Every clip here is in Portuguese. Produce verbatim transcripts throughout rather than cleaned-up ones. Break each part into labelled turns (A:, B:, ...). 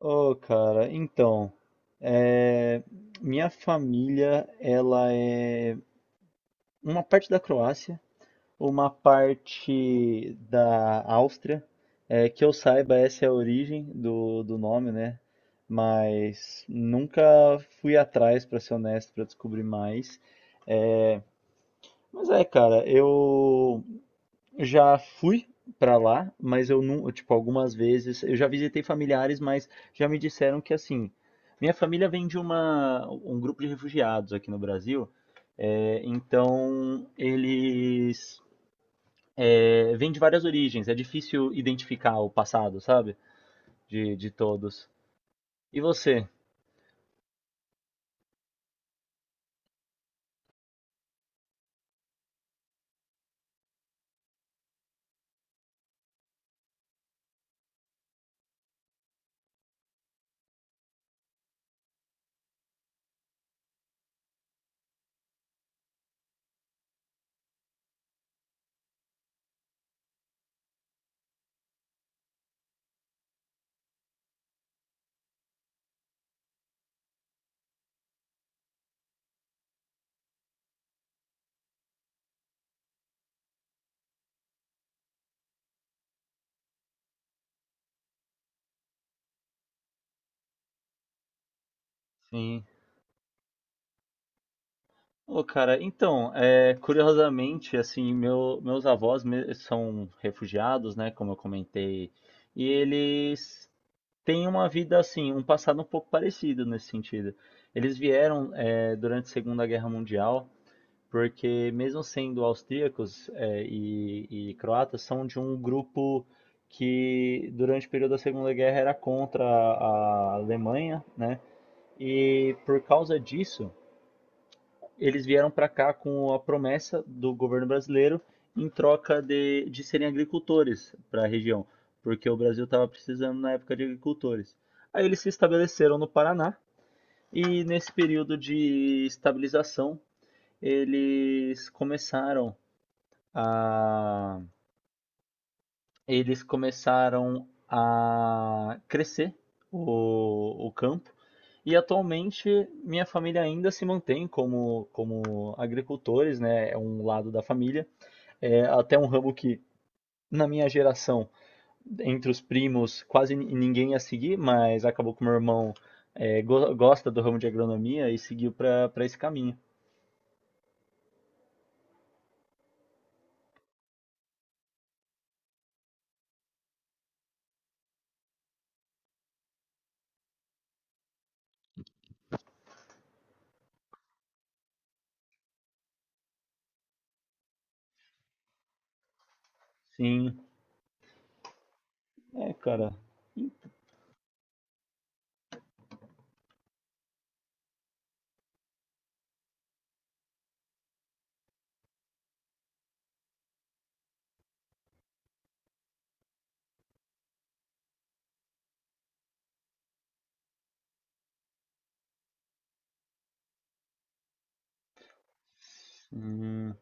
A: Oh, cara, então, é, minha família, ela é uma parte da Croácia, uma parte da Áustria, é, que eu saiba essa é a origem do, do nome, né? Mas nunca fui atrás, pra ser honesto, pra descobrir mais. Mas é, cara, eu Já fui pra lá, mas eu não, tipo, algumas vezes, eu já visitei familiares, mas já me disseram que assim, minha família vem de uma, um grupo de refugiados aqui no Brasil, é, então eles é, vêm de várias origens, é difícil identificar o passado, sabe? De, de todos. E você? Sim. Ô, cara, então, é, curiosamente, assim, meu, meus avós me- são refugiados, né, como eu comentei, e eles tem uma vida assim, um passado um pouco parecido nesse sentido. Eles vieram eh, durante a Segunda Guerra Mundial, porque mesmo sendo austríacos eh, e, e croatas, são de um grupo que durante o período da Segunda Guerra era contra a Alemanha, né? E por causa disso, eles vieram para cá com a promessa do governo brasileiro em troca de, de serem agricultores para a região, porque o Brasil estava precisando na época de agricultores. Aí eles se estabeleceram no Paraná e nesse período de estabilização eles começaram a eles começaram a crescer o, o campo. E atualmente minha família ainda se mantém como, como agricultores, né? É um lado da família. É até um ramo que, na minha geração, entre os primos, quase ni- ninguém ia seguir, mas acabou que meu irmão é, go- gosta do ramo de agronomia e seguiu para para esse caminho. Sim, é, cara. Hum.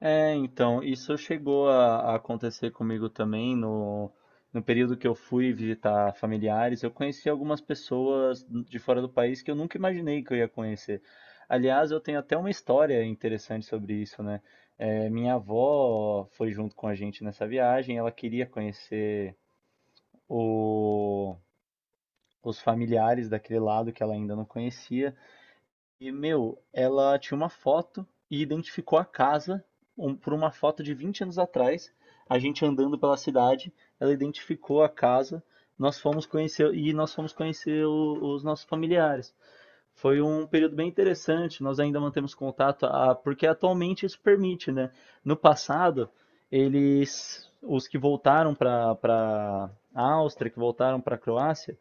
A: É, então, isso chegou a, a acontecer comigo também no, no período que eu fui visitar familiares. Eu conheci algumas pessoas de fora do país que eu nunca imaginei que eu ia conhecer. Aliás, eu tenho até uma história interessante sobre isso, né? É, minha avó foi junto com a gente nessa viagem. Ela queria conhecer o- os familiares daquele lado que ela ainda não conhecia. E, meu, ela tinha uma foto e identificou a casa um- por uma foto de vinte anos atrás. A gente andando pela cidade, ela identificou a casa, nós fomos conhecer e nós fomos conhecer o- os nossos familiares. Foi um período bem interessante, nós ainda mantemos contato, ah, porque atualmente isso permite, né? No passado, eles, os que voltaram para a Áustria, que voltaram para a Croácia,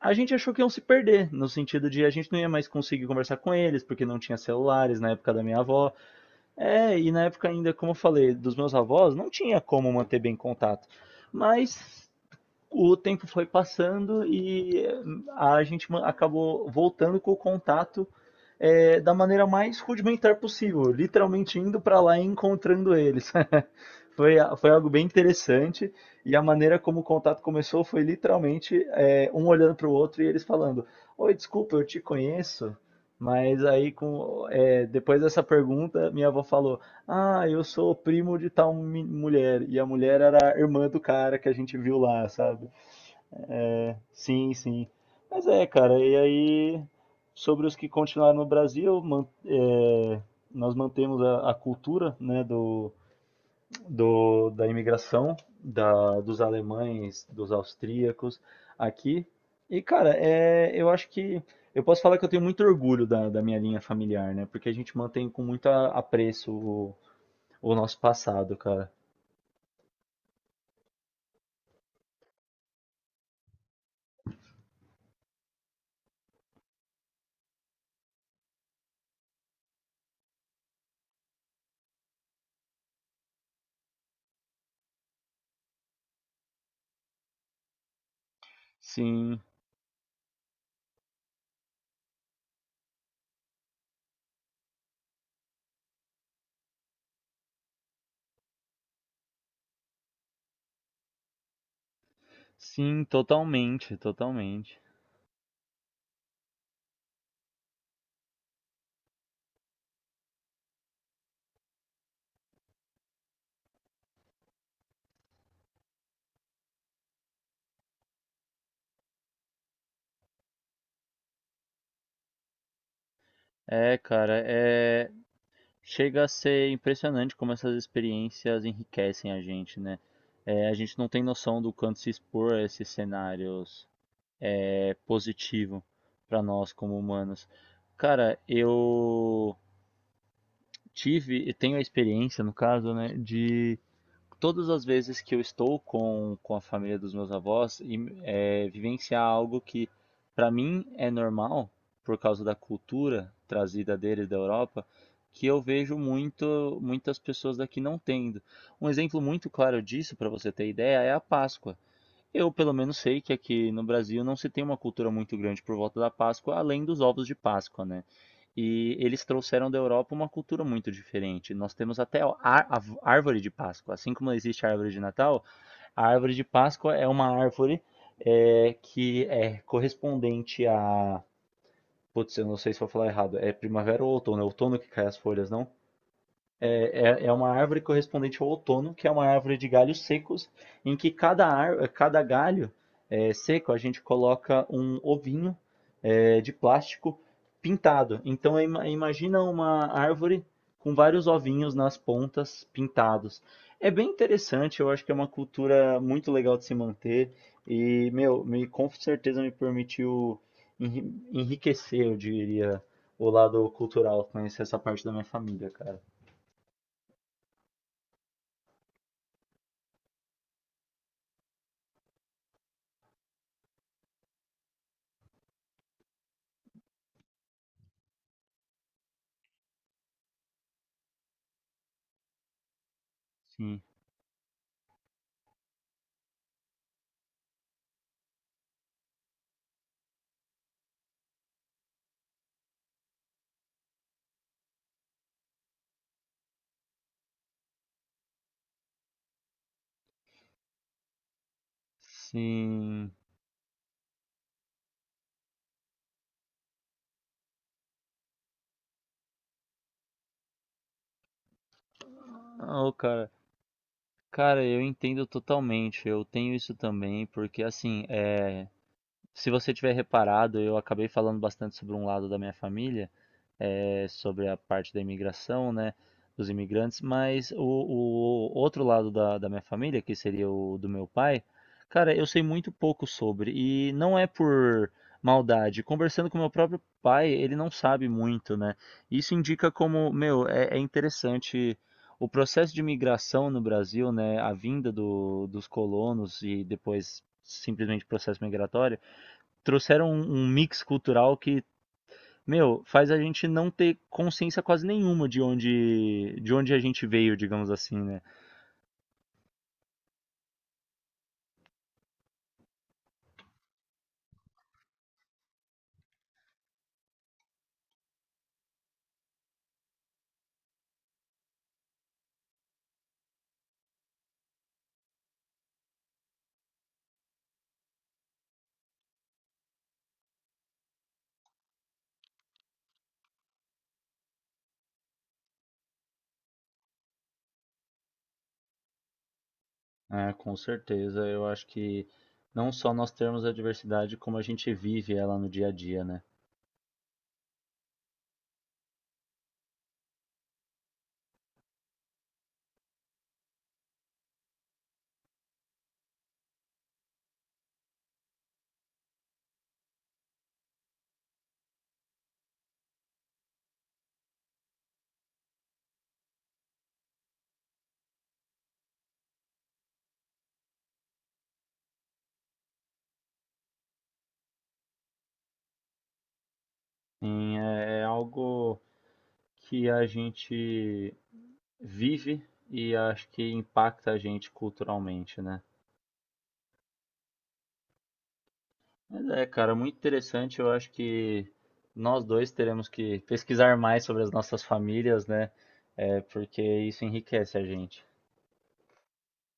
A: a gente achou que iam se perder, no sentido de a gente não ia mais conseguir conversar com eles, porque não tinha celulares na época da minha avó. É, e na época ainda, como eu falei, dos meus avós, não tinha como manter bem contato. Mas o tempo foi passando e eh, a gente ma- acabou voltando com o contato é, da maneira mais rudimentar possível, literalmente indo pra lá e encontrando eles. Foi, a- foi algo bem interessante e a maneira como o contato começou foi literalmente é, um olhando para o outro e eles falando: Oi, desculpa, eu te conheço. Mas aí, com, é, depois dessa pergunta, minha avó falou: Ah, eu sou primo de tal mi- mulher. E a mulher era a irmã do cara que a gente viu lá, sabe? Sim, sim. Mas é, cara, e aí, sobre os que continuaram no Brasil, man- é, nós mantemos a, a cultura, né, do do, da imigração da, dos alemães, dos austríacos aqui. E, cara, é, eu acho que eu posso falar que eu tenho muito orgulho da, da minha linha familiar, né? Porque a gente mantém com muito a- apreço o, o nosso passado, cara. Sim, sim, totalmente, totalmente. É, cara, é chega a ser impressionante como essas experiências enriquecem a gente, né? É, a gente não tem noção do quanto se expor a esses cenários é positivo para nós como humanos. Cara, eu tive e tenho a experiência, no caso, né, de todas as vezes que eu estou com, com a família dos meus avós e é, vivenciar algo que para mim é normal por causa da cultura trazida deles da Europa, que eu vejo muito muitas pessoas daqui não tendo. Um exemplo muito claro disso para você ter ideia é a Páscoa. Eu, pelo menos, sei que aqui no Brasil não se tem uma cultura muito grande por volta da Páscoa, além dos ovos de Páscoa, né? E eles trouxeram da Europa uma cultura muito diferente. Nós temos até a a árvore de Páscoa. Assim como existe a árvore de Natal, a árvore de Páscoa é uma árvore é, que é correspondente a. Putz, eu não sei se vou falar errado. É primavera ou outono? É outono que cai as folhas, não? É, é é uma árvore correspondente ao outono, que é uma árvore de galhos secos, em que cada, ar, cada galho eh, seco a gente coloca um ovinho eh, de plástico pintado. Então imagina uma árvore com vários ovinhos nas pontas pintados. É bem interessante, eu acho que é uma cultura muito legal de se manter e, meu, me, com certeza me permitiu enriquecer, eu diria, o lado cultural, conhecer essa parte da minha família, cara. Sim. Sim. Não, cara. Cara, eu entendo totalmente. Eu tenho isso também, porque assim, é, se você tiver reparado, eu acabei falando bastante sobre um lado da minha família. eh, sobre a parte da imigração, né, dos imigrantes, mas o, o outro lado da, da minha família, que seria o do meu pai, cara, eu sei muito pouco sobre, e não é por maldade. Conversando com meu próprio pai, ele não sabe muito, né? Isso indica como, meu, é, é interessante o processo de migração no Brasil, né, a vinda do, dos colonos e depois simplesmente processo migratório, trouxeram um, um mix cultural que meu, faz a gente não ter consciência quase nenhuma de onde, de onde a gente veio, digamos assim, né? Ah, com certeza. Eu acho que não só nós temos a diversidade, como a gente vive ela no dia a dia, né? Sim, é é algo que a gente vive e acho que impacta a gente culturalmente, né? Mas é, cara, muito interessante. Eu acho que nós dois teremos que pesquisar mais sobre as nossas famílias, né? É, porque isso enriquece a gente.